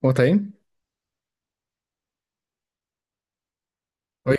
¿Cómo está ahí? Oye,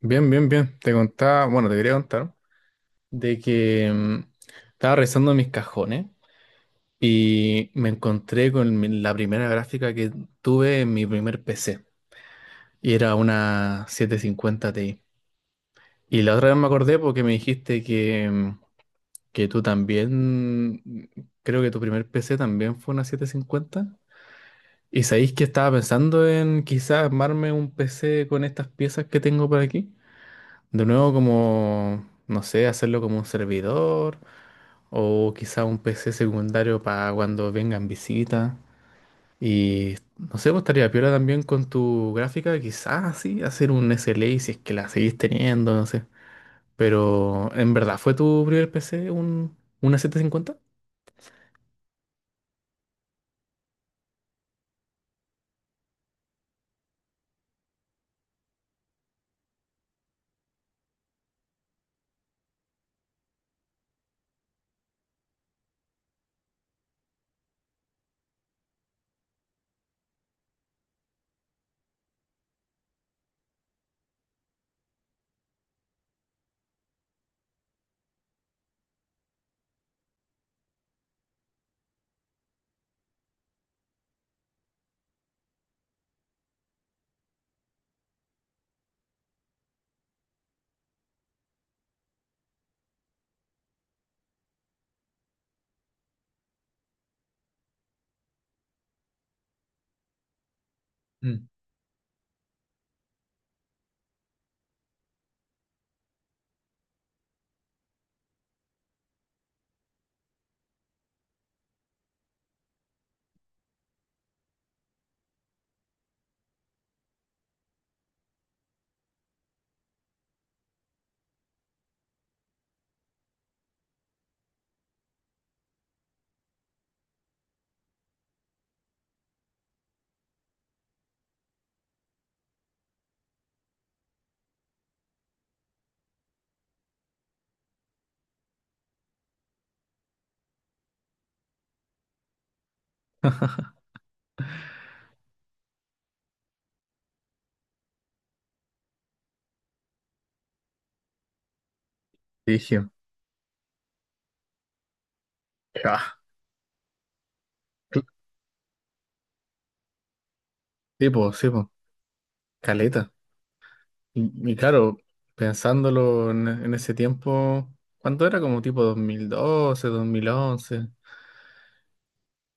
bien, bien, bien. Te contaba, bueno, te quería contar de que estaba revisando mis cajones y me encontré con la primera gráfica que tuve en mi primer PC y era una 750 Ti. Y la otra vez me acordé porque me dijiste que tú también, creo que tu primer PC también fue una 750. Y sabéis que estaba pensando en quizás armarme un PC con estas piezas que tengo por aquí. De nuevo, como, no sé, hacerlo como un servidor o quizá un PC secundario para cuando vengan visitas. Y no sé, pues estaría piola también con tu gráfica, quizás sí, hacer un SLA si es que la seguís teniendo, no sé. Pero, ¿en verdad fue tu primer PC una 750? Mm. Dije, ah, sí, pues, caleta. Y claro, pensándolo en ese tiempo, ¿cuánto era? Como tipo dos mil doce, 2011.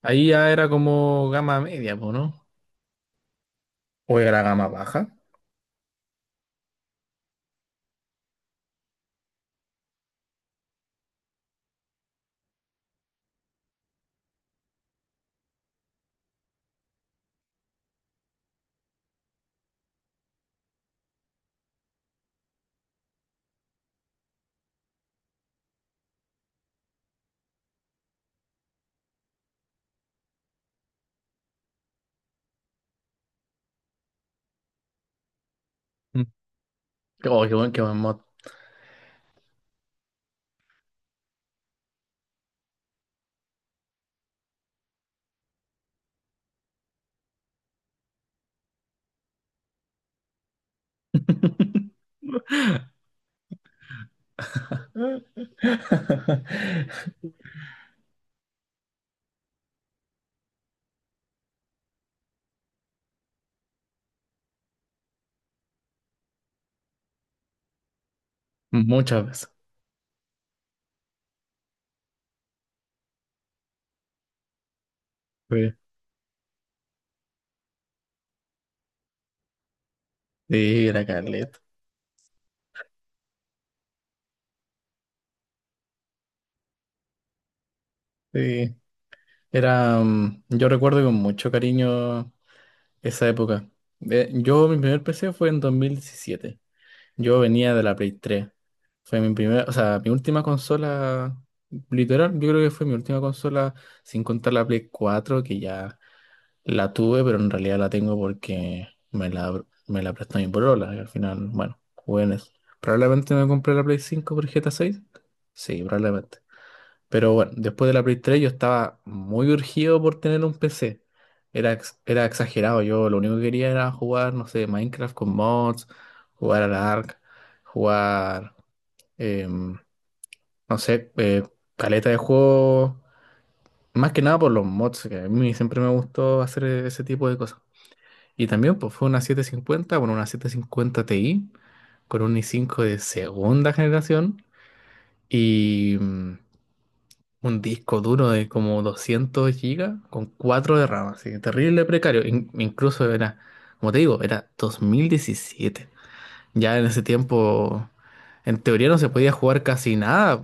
Ahí ya era como gama media, po, ¿no? ¿O era gama baja? Mm. Oh, qué buen mod. Muchas veces. Sí, sí, era Carlet. Sí. Yo recuerdo con mucho cariño esa época. Yo, mi primer PC fue en 2017. Yo venía de la Play tres. Fue mi primera, o sea, mi última consola, literal, yo creo que fue mi última consola, sin contar la Play cuatro, que ya la tuve, pero en realidad la tengo porque me la prestó mi polola. Y al final, bueno, jugué en eso. Probablemente me compré la Play cinco por GTA seis. Sí, probablemente. Pero bueno, después de la Play tres yo estaba muy urgido por tener un PC. Era exagerado. Yo lo único que quería era jugar, no sé, Minecraft con mods, jugar al Ark, jugar, em, no sé, caleta de juego. Más que nada por los mods, que a mí siempre me gustó hacer ese tipo de cosas. Y también pues, fue una 750, bueno, una 750 Ti con un i5 de segunda generación y un disco duro de como 200 gigas con 4 de RAM, así que terrible precario. Incluso era, como te digo, era 2017. Ya en ese tiempo, en teoría no se podía jugar casi nada.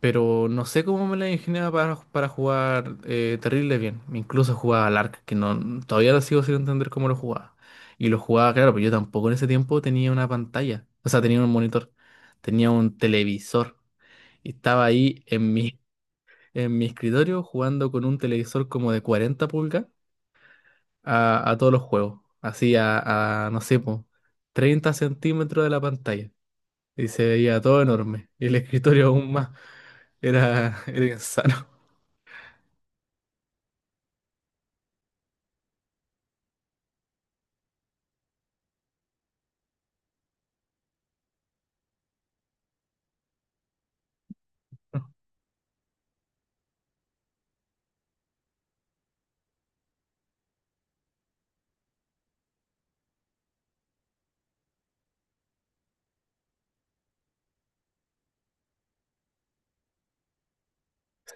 Pero no sé cómo me la ingeniaba para jugar, terrible bien. Incluso jugaba al Ark, que no, todavía lo sigo sin entender cómo lo jugaba. Y lo jugaba, claro, pero yo tampoco en ese tiempo tenía una pantalla. O sea, tenía un monitor, tenía un televisor. Y estaba ahí en mi escritorio jugando con un televisor como de 40 pulgas a todos los juegos. Así no sé, po, 30 centímetros de la pantalla. Y se veía todo enorme. Y el escritorio aún más. Era, era insano.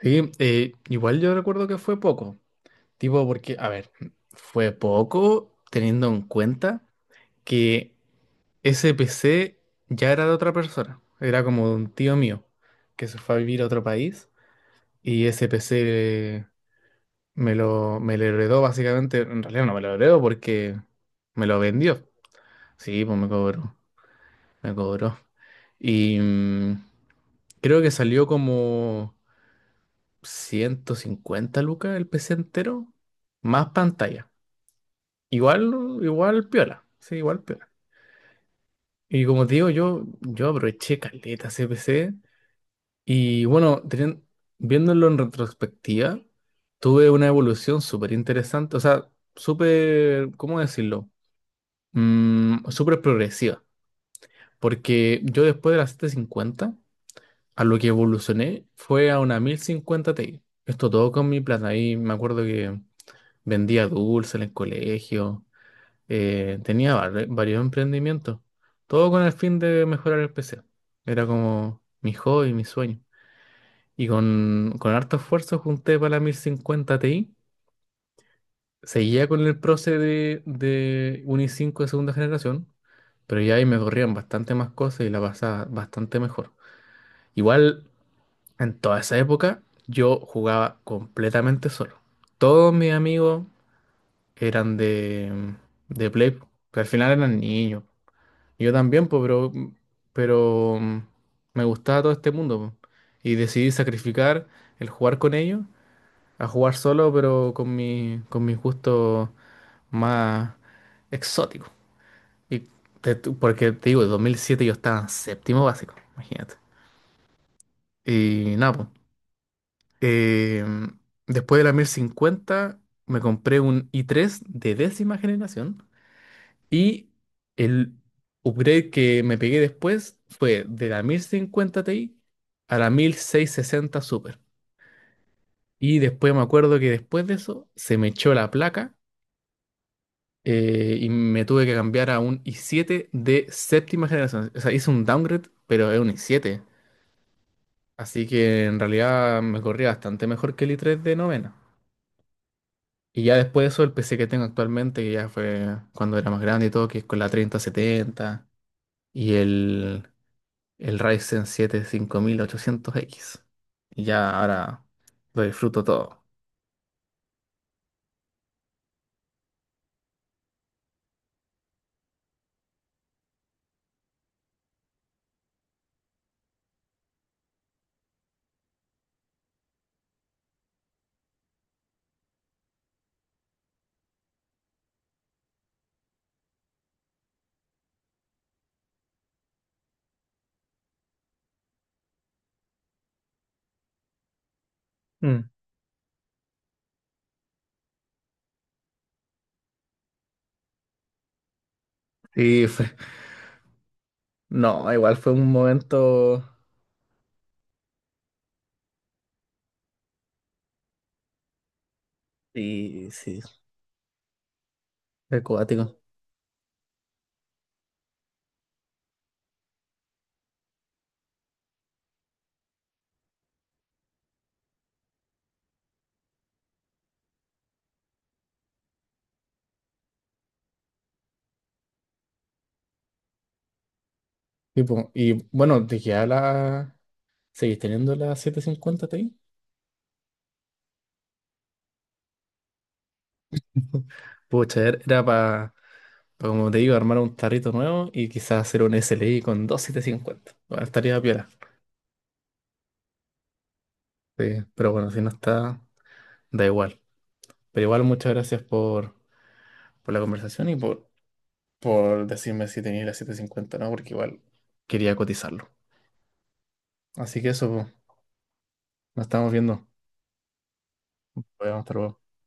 Sí, igual yo recuerdo que fue poco, tipo porque, a ver, fue poco teniendo en cuenta que ese PC ya era de otra persona, era como de un tío mío que se fue a vivir a otro país y ese PC me lo heredó básicamente, en realidad no me lo heredó porque me lo vendió, sí, pues me cobró, me cobró. Y creo que salió como... 150 lucas el PC entero, más pantalla. Igual, igual piola. Sí, igual piola. Y como te digo, yo aproveché caleta ese PC. Y bueno, viéndolo en retrospectiva, tuve una evolución súper interesante. O sea, súper, ¿cómo decirlo? Súper progresiva. Porque yo después de la 750 a lo que evolucioné fue a una 1050 Ti. Esto todo con mi plata. Y me acuerdo que. Vendía dulces en el colegio. Tenía varios emprendimientos. Todo con el fin de mejorar el PC. Era como mi hobby, mi sueño. Y con harto esfuerzo junté para la 1050 Ti. Seguía con el proce de un i5 de segunda generación. Pero ya ahí me corrían bastante más cosas y la pasaba bastante mejor. Igual, en toda esa época, yo jugaba completamente solo. Todos mis amigos eran de Play, po, que al final eran niños. Y yo también, pues, pero me gustaba todo este mundo, po. Y decidí sacrificar el jugar con ellos a jugar solo, pero con mis gustos más exóticos. Y porque te digo, en 2007 yo estaba en séptimo básico, imagínate. Y nada, po. Eh, Después de la 1050 me compré un i3 de décima generación. Y el upgrade que me pegué después fue de la 1050 Ti a la 1660 Super. Y después me acuerdo que después de eso se me echó la placa, y me tuve que cambiar a un i7 de séptima generación. O sea, hice un downgrade, pero es un i7. Así que en realidad me corría bastante mejor que el i3 de novena. Y ya después de eso, el PC que tengo actualmente, que ya fue cuando era más grande y todo, que es con la 3070 y el Ryzen 7 5800X. Y ya ahora lo disfruto todo. Mm. Sí, fue. No, igual fue un momento. Sí, sí. Fue cuático. Tipo, y bueno, ¿te queda la... ¿Seguís teniendo la 750 Ti? Pucha, era para, como te digo, armar un tarrito nuevo y quizás hacer un SLI con 2750. Bueno, estaría piola. Sí, pero bueno, si no está, da igual. Pero igual, muchas gracias por la conversación y por decirme si tenía la 750 o no, porque igual quería cotizarlo. Así que eso, pues, nos estamos viendo. Pues, hasta luego.